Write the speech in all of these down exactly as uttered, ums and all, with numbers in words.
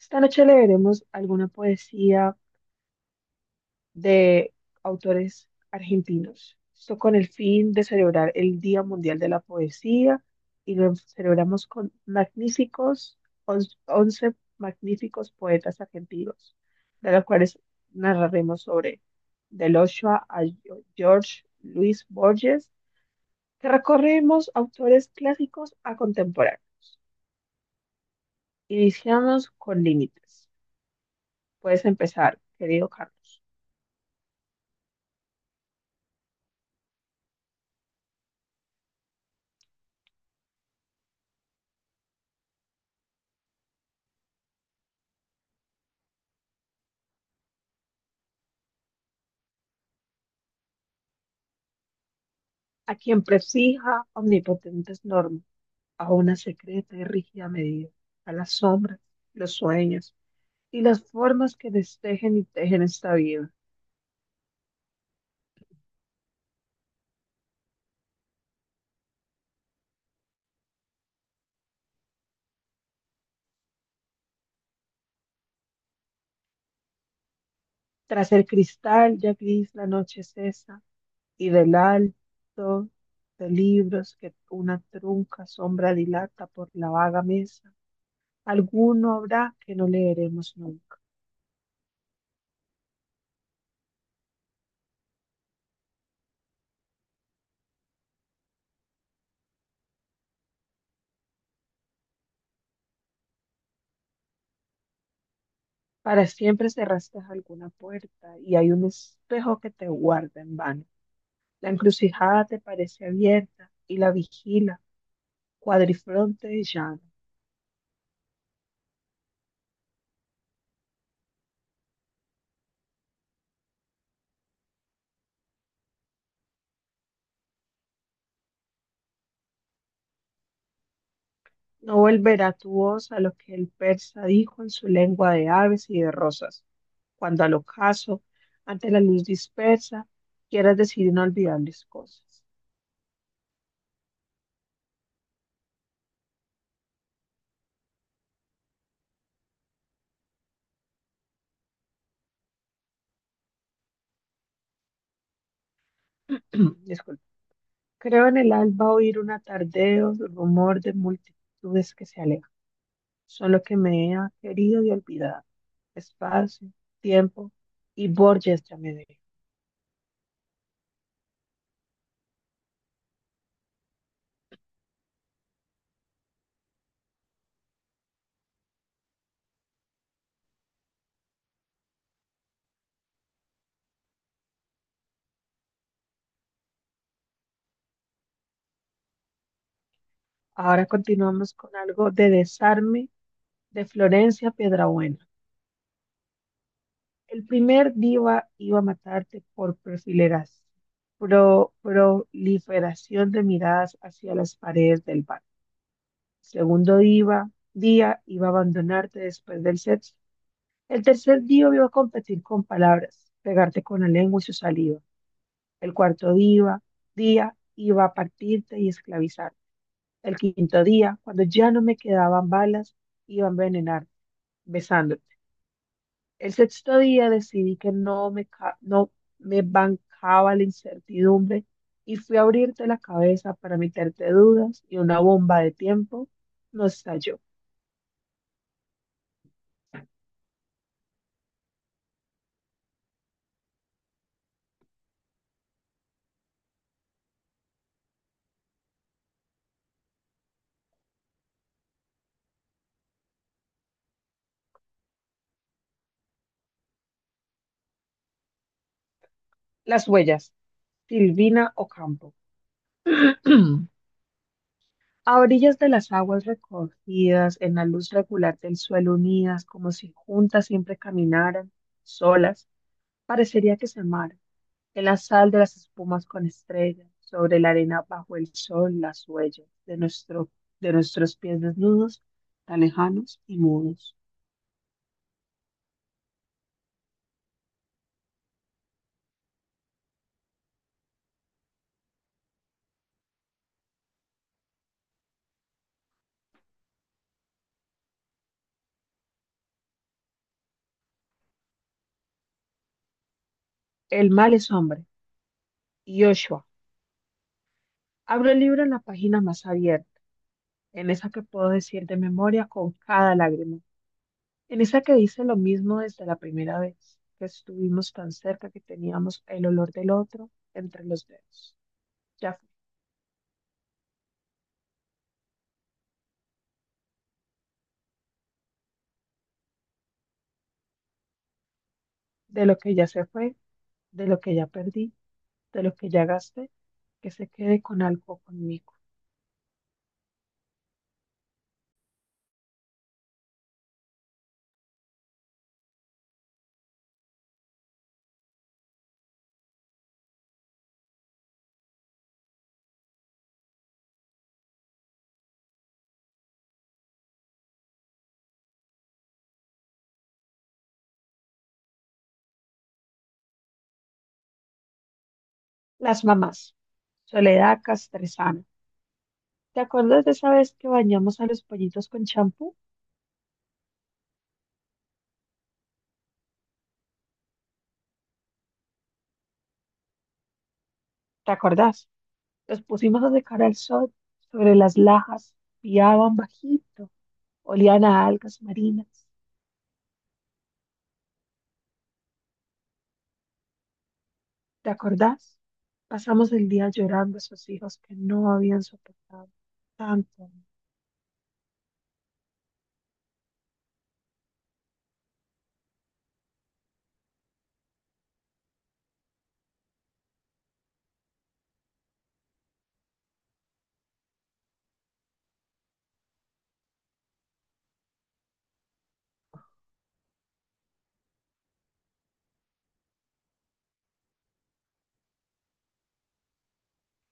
Esta noche leeremos alguna poesía de autores argentinos. Esto con el fin de celebrar el Día Mundial de la Poesía y lo celebramos con magníficos, on- once magníficos poetas argentinos, de los cuales narraremos sobre Del Ochoa a Gio- George Luis Borges, que recorremos autores clásicos a contemporáneos. Iniciamos con límites. Puedes empezar, querido Carlos. A quien prefija omnipotentes normas, a una secreta y rígida medida, a las sombras, los sueños y las formas que destejen y tejen esta vida. Tras el cristal ya gris la noche cesa y del alto de libros que una trunca sombra dilata por la vaga mesa, alguno habrá que no leeremos nunca. Para siempre cerraste alguna puerta y hay un espejo que te guarda en vano. La encrucijada te parece abierta y la vigila, cuadrifronte y llana. No volverá tu voz a lo que el persa dijo en su lengua de aves y de rosas, cuando al ocaso, ante la luz dispersa, quieras decir inolvidables cosas. Disculpa. Creo en el alba oír un atardeo, rumor de multitudes que se alejan. Son lo que me ha querido y olvidado. Espacio, tiempo y Borges ya me ve. Ahora continuamos con algo de desarme de Florencia Piedrabuena. El primer diva iba a matarte por perfileras, pro- proliferación de miradas hacia las paredes del bar. Segundo diva, día iba a abandonarte después del sexo. El tercer diva iba a competir con palabras, pegarte con la lengua y su saliva. El cuarto diva, día iba a partirte y esclavizar. El quinto día, cuando ya no me quedaban balas, iba a envenenar, besándote. El sexto día decidí que no me, ca- no me bancaba la incertidumbre y fui a abrirte la cabeza para meterte dudas y una bomba de tiempo nos estalló. Las huellas, Silvina Ocampo. A orillas de las aguas recogidas, en la luz regular del suelo unidas, como si juntas siempre caminaran, solas, parecería que se amaran. En la sal de las espumas con estrellas, sobre la arena bajo el sol, las huellas de nuestro, de nuestros pies desnudos, tan lejanos y mudos. El mal es hombre. Yoshua. Abro el libro en la página más abierta, en esa que puedo decir de memoria con cada lágrima, en esa que dice lo mismo desde la primera vez, que estuvimos tan cerca que teníamos el olor del otro entre los dedos. Ya fue. De lo que ya se fue, de lo que ya perdí, de lo que ya gasté que se quede con algo conmigo. Las mamás. Soledad Castresana. ¿Te acuerdas de esa vez que bañamos a los pollitos con champú? ¿Te acordás? Los pusimos a secar al sol sobre las lajas, piaban bajito, olían a algas marinas. ¿Te acordás? Pasamos el día llorando a esos hijos que no habían soportado tanto.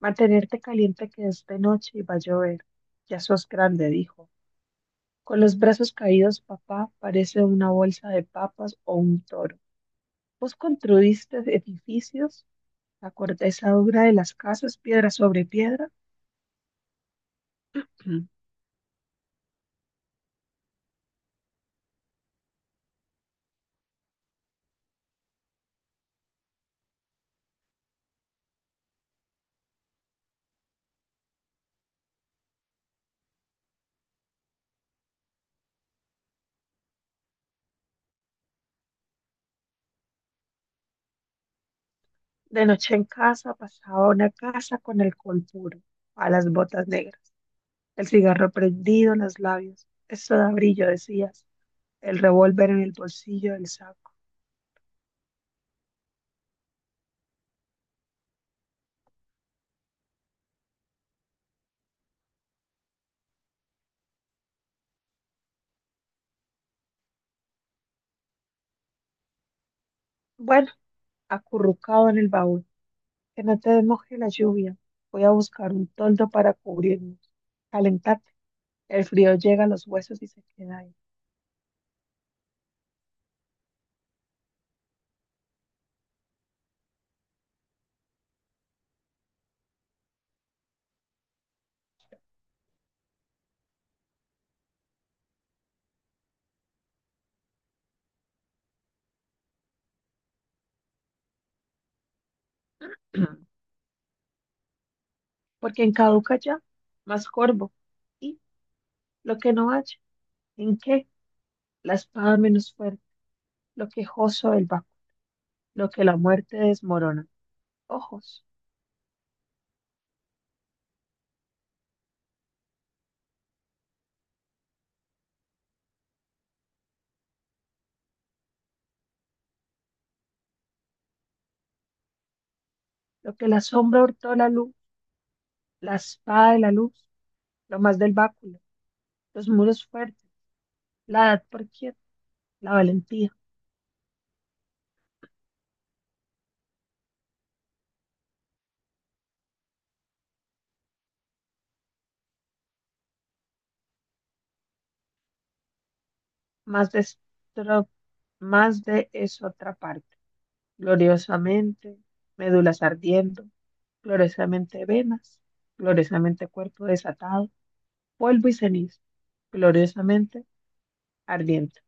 Mantenerte caliente que es de noche y va a llover. Ya sos grande, dijo. Con los brazos caídos, papá parece una bolsa de papas o un toro. Vos construiste edificios, la corteza dura de las casas, piedra sobre piedra. Mm. De noche en casa pasaba una casa con el col puro, a las botas negras, el cigarro prendido en los labios. Eso da brillo, decías, el revólver en el bolsillo del saco. Bueno, acurrucado en el baúl, que no te moje la lluvia. Voy a buscar un toldo para cubrirnos. Calentar. El frío llega a los huesos y se queda ahí. Porque en caduca ya, más corvo. Y lo que no haya, ¿en qué? La espada menos fuerte, lo quejoso del baco, lo que la muerte desmorona. Ojos, lo que la sombra hurtó la luz, la espada de la luz, lo más del báculo, los muros fuertes, la edad por quieta, la valentía, más de, estro- más de es otra parte. Gloriosamente, médulas ardiendo, gloriosamente venas, gloriosamente cuerpo desatado, polvo y ceniza, gloriosamente ardiente.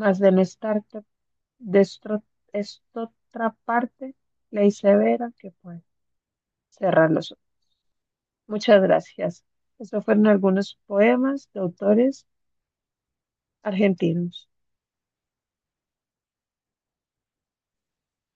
Mas de no estar de estro- esta otra parte, ley severa que puede cerrar los ojos. Muchas gracias. Estos fueron algunos poemas de autores argentinos.